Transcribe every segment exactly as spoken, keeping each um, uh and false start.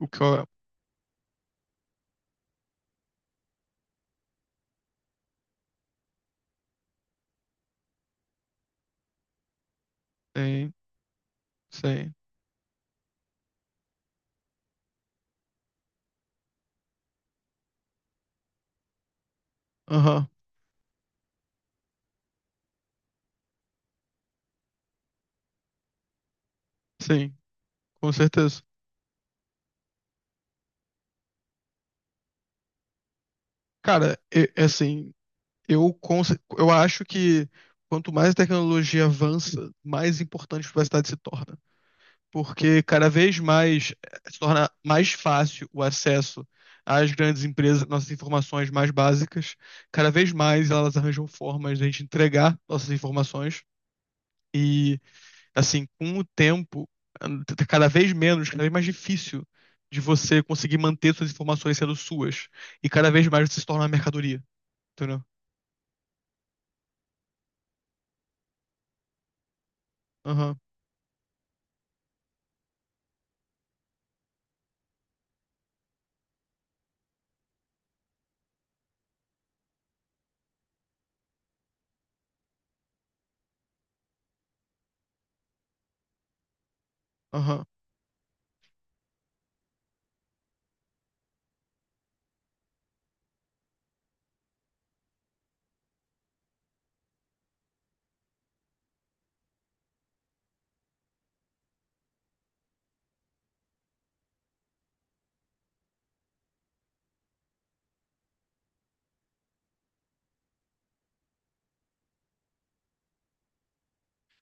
O que eu... Sim, sim. Aham, sim, com certeza. Cara, é, é assim, eu, com cer- eu acho que quanto mais a tecnologia avança, mais importante a privacidade se torna. Porque cada vez mais eh, se torna mais fácil o acesso às grandes empresas, nossas informações mais básicas. Cada vez mais elas arranjam formas de a gente entregar nossas informações. Assim, com o tempo, tá cada vez menos, cada vez mais difícil de você conseguir manter suas informações sendo suas. E cada vez mais você se torna uma mercadoria, entendeu? Aham, aham.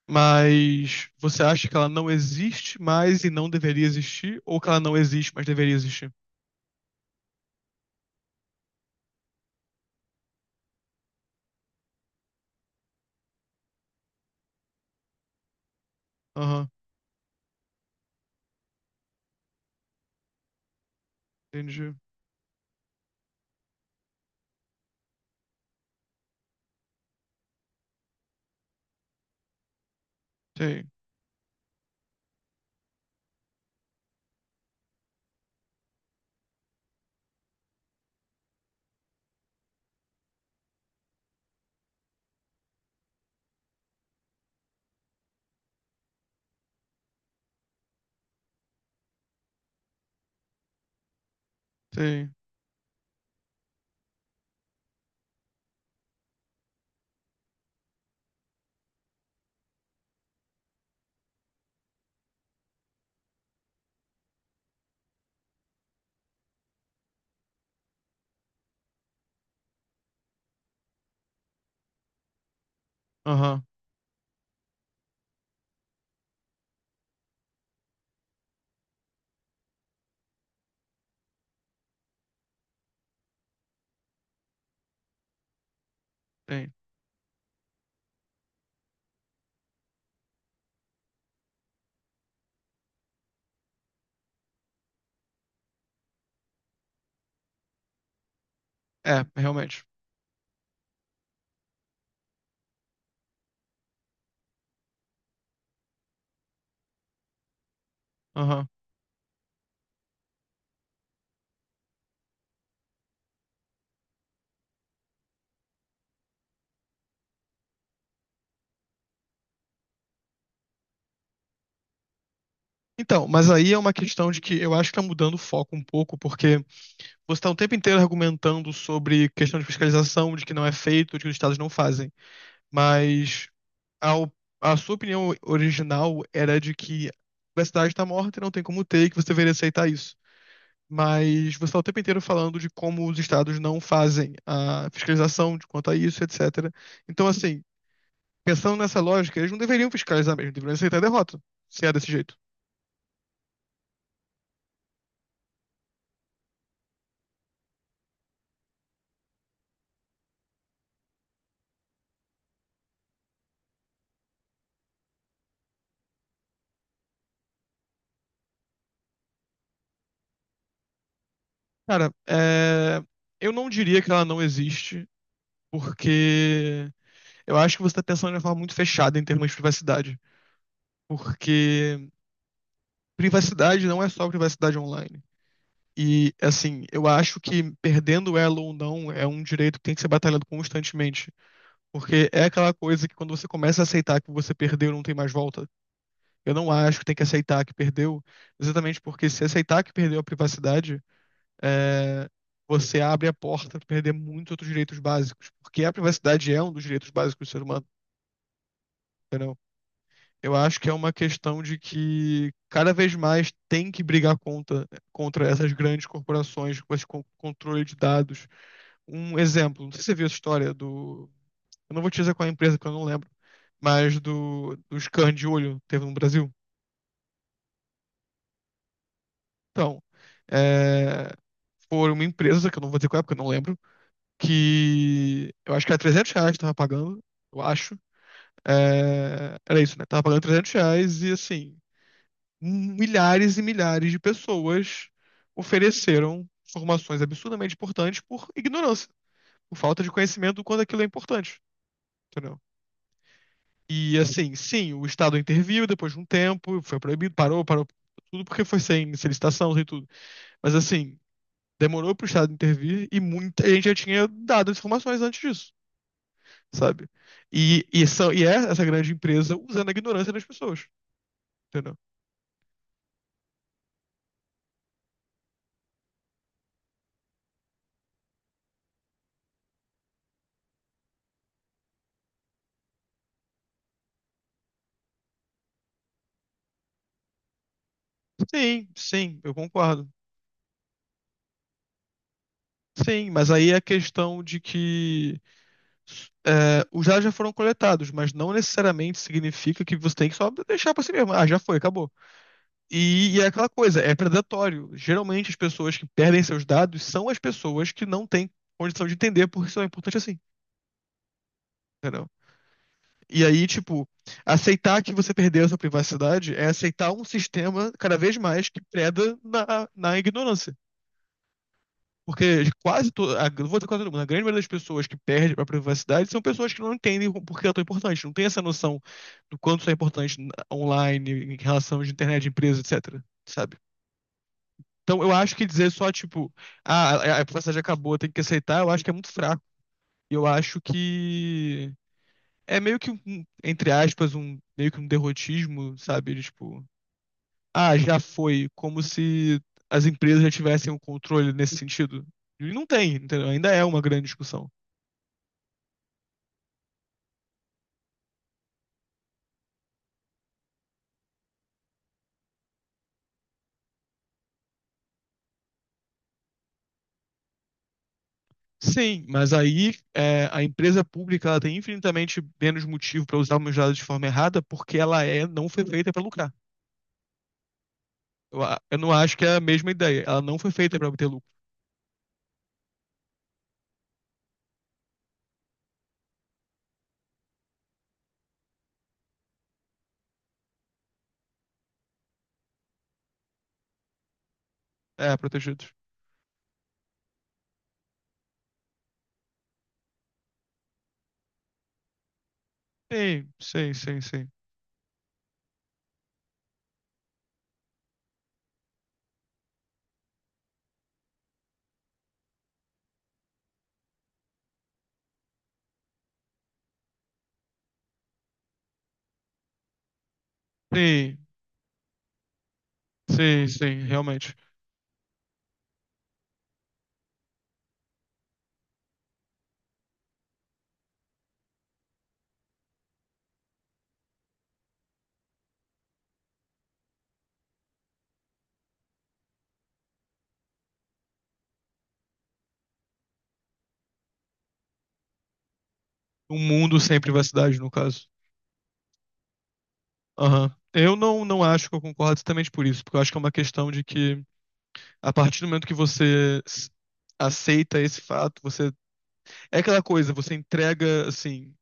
Mas você acha que ela não existe mais e não deveria existir? Ou que ela não existe, mas deveria existir? Aham, entendi. Sim, sim. Aham, sim. É, realmente. Aham. Então, mas aí é uma questão de que eu acho que tá mudando o foco um pouco, porque você está o tempo inteiro argumentando sobre questão de fiscalização, de que não é feito, de que os estados não fazem. Mas ao- a, sua opinião original era de que a cidade está morta e não tem como ter, e que você deveria aceitar isso. Mas você está o tempo inteiro falando de como os estados não fazem a fiscalização de quanto a isso, et cetera. Então, assim, pensando nessa lógica, eles não deveriam fiscalizar mesmo, deveriam aceitar a derrota, se é desse jeito. Cara, é, eu não diria que ela não existe, porque eu acho que você está pensando de uma forma muito fechada em termos de privacidade, porque privacidade não é só privacidade online. E, assim, eu acho que perdendo ela ou não é um direito que tem que ser batalhado constantemente. Porque é aquela coisa que quando você começa a aceitar que você perdeu, não tem mais volta. Eu não acho que tem que aceitar que perdeu, exatamente porque se aceitar que perdeu a privacidade, é, você abre a porta para perder muitos outros direitos básicos. Porque a privacidade é um dos direitos básicos do ser humano, entendeu? Eu acho que é uma questão de que cada vez mais tem que brigar contra, contra essas grandes corporações com esse con- controle de dados. Um exemplo, não sei se você viu essa história do. Eu não vou te dizer qual é a empresa, porque eu não lembro, mas do, do scan de olho teve no Brasil. Então, é, foi uma empresa, que eu não vou dizer qual é, porque eu não lembro, que eu acho que era trezentos reais que tava pagando, eu acho. É, era isso, né? Tava pagando trezentos reais e assim, milhares e milhares de pessoas ofereceram informações absurdamente importantes por ignorância, por falta de conhecimento do quanto aquilo é importante, entendeu? E assim, sim, o Estado interviu depois de um tempo, foi proibido, parou, parou tudo porque foi sem solicitação, sem tudo. Mas assim, demorou pro Estado intervir e muita gente já tinha dado as informações antes disso, sabe? E, e, são, e é essa grande empresa usando a ignorância das pessoas, entendeu? Sim, sim, eu concordo. Sim, mas aí é a questão de que é, os dados já foram coletados, mas não necessariamente significa que você tem que só deixar pra si mesmo. Ah, já foi, acabou. E, e é aquela coisa, é predatório. Geralmente as pessoas que perdem seus dados são as pessoas que não têm condição de entender porque isso é importante assim, entendeu? E aí, tipo, aceitar que você perdeu a sua privacidade é aceitar um sistema cada vez mais que preda na, na ignorância. Porque quase todo, a, não vou dizer quase todo mundo, a grande maioria das pessoas que perdem a privacidade são pessoas que não entendem por que ela é tão importante, não tem essa noção do quanto isso é importante n- online, em relação de internet, de empresa, etc, sabe? Então eu acho que dizer só, tipo, ah, a, a privacidade acabou, tem que aceitar, eu acho que é muito fraco. Eu acho que é meio que um, entre aspas, um meio que um derrotismo, sabe? De, tipo, ah, já foi, como se as empresas já tivessem um controle nesse sentido. E não tem, entendeu? Ainda é uma grande discussão. Sim, mas aí é, a empresa pública ela tem infinitamente menos motivo para usar meus dados de forma errada porque ela é, não foi feita para lucrar. Eu, a- eu não acho que é a mesma ideia. Ela não foi feita para obter lucro. É, protegidos. Sim, sim, sim, sim. Sim. Sim, sim, realmente. O mundo sem privacidade, no caso. Aham. Eu não, não acho que eu concordo exatamente por isso, porque eu acho que é uma questão de que, a partir do momento que você s- aceita esse fato, você. É aquela coisa, você entrega, assim,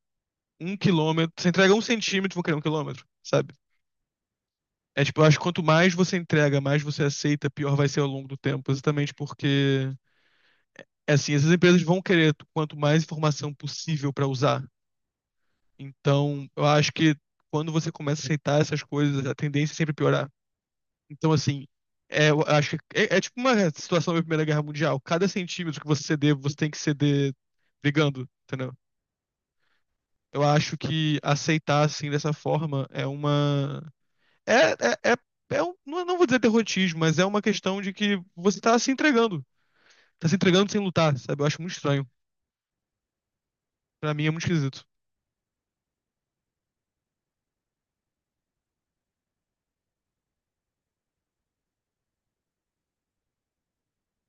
um quilômetro. Você entrega um centímetro, vou criar um quilômetro, sabe? É tipo, eu acho que quanto mais você entrega, mais você aceita, pior vai ser ao longo do tempo. Exatamente porque, é assim, essas empresas vão querer quanto mais informação possível pra usar. Então, eu acho que quando você começa a aceitar essas coisas, a tendência é sempre piorar. Então, assim, é, eu acho que é, é tipo uma situação da Primeira Guerra Mundial. Cada centímetro que você ceder, você tem que ceder brigando, entendeu? Eu acho que aceitar assim dessa forma é uma. É, é, é, é um- não não vou dizer derrotismo, mas é uma questão de que você tá se entregando. Tá se entregando sem lutar, sabe? Eu acho muito estranho. Pra mim é muito esquisito.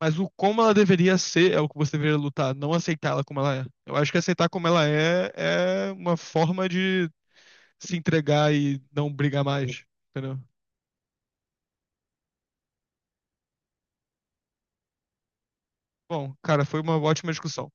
Mas o como ela deveria ser é o que você deveria lutar, não aceitar ela como ela é. Eu acho que aceitar como ela é é uma forma de se entregar e não brigar mais, entendeu? Bom, cara, foi uma ótima discussão.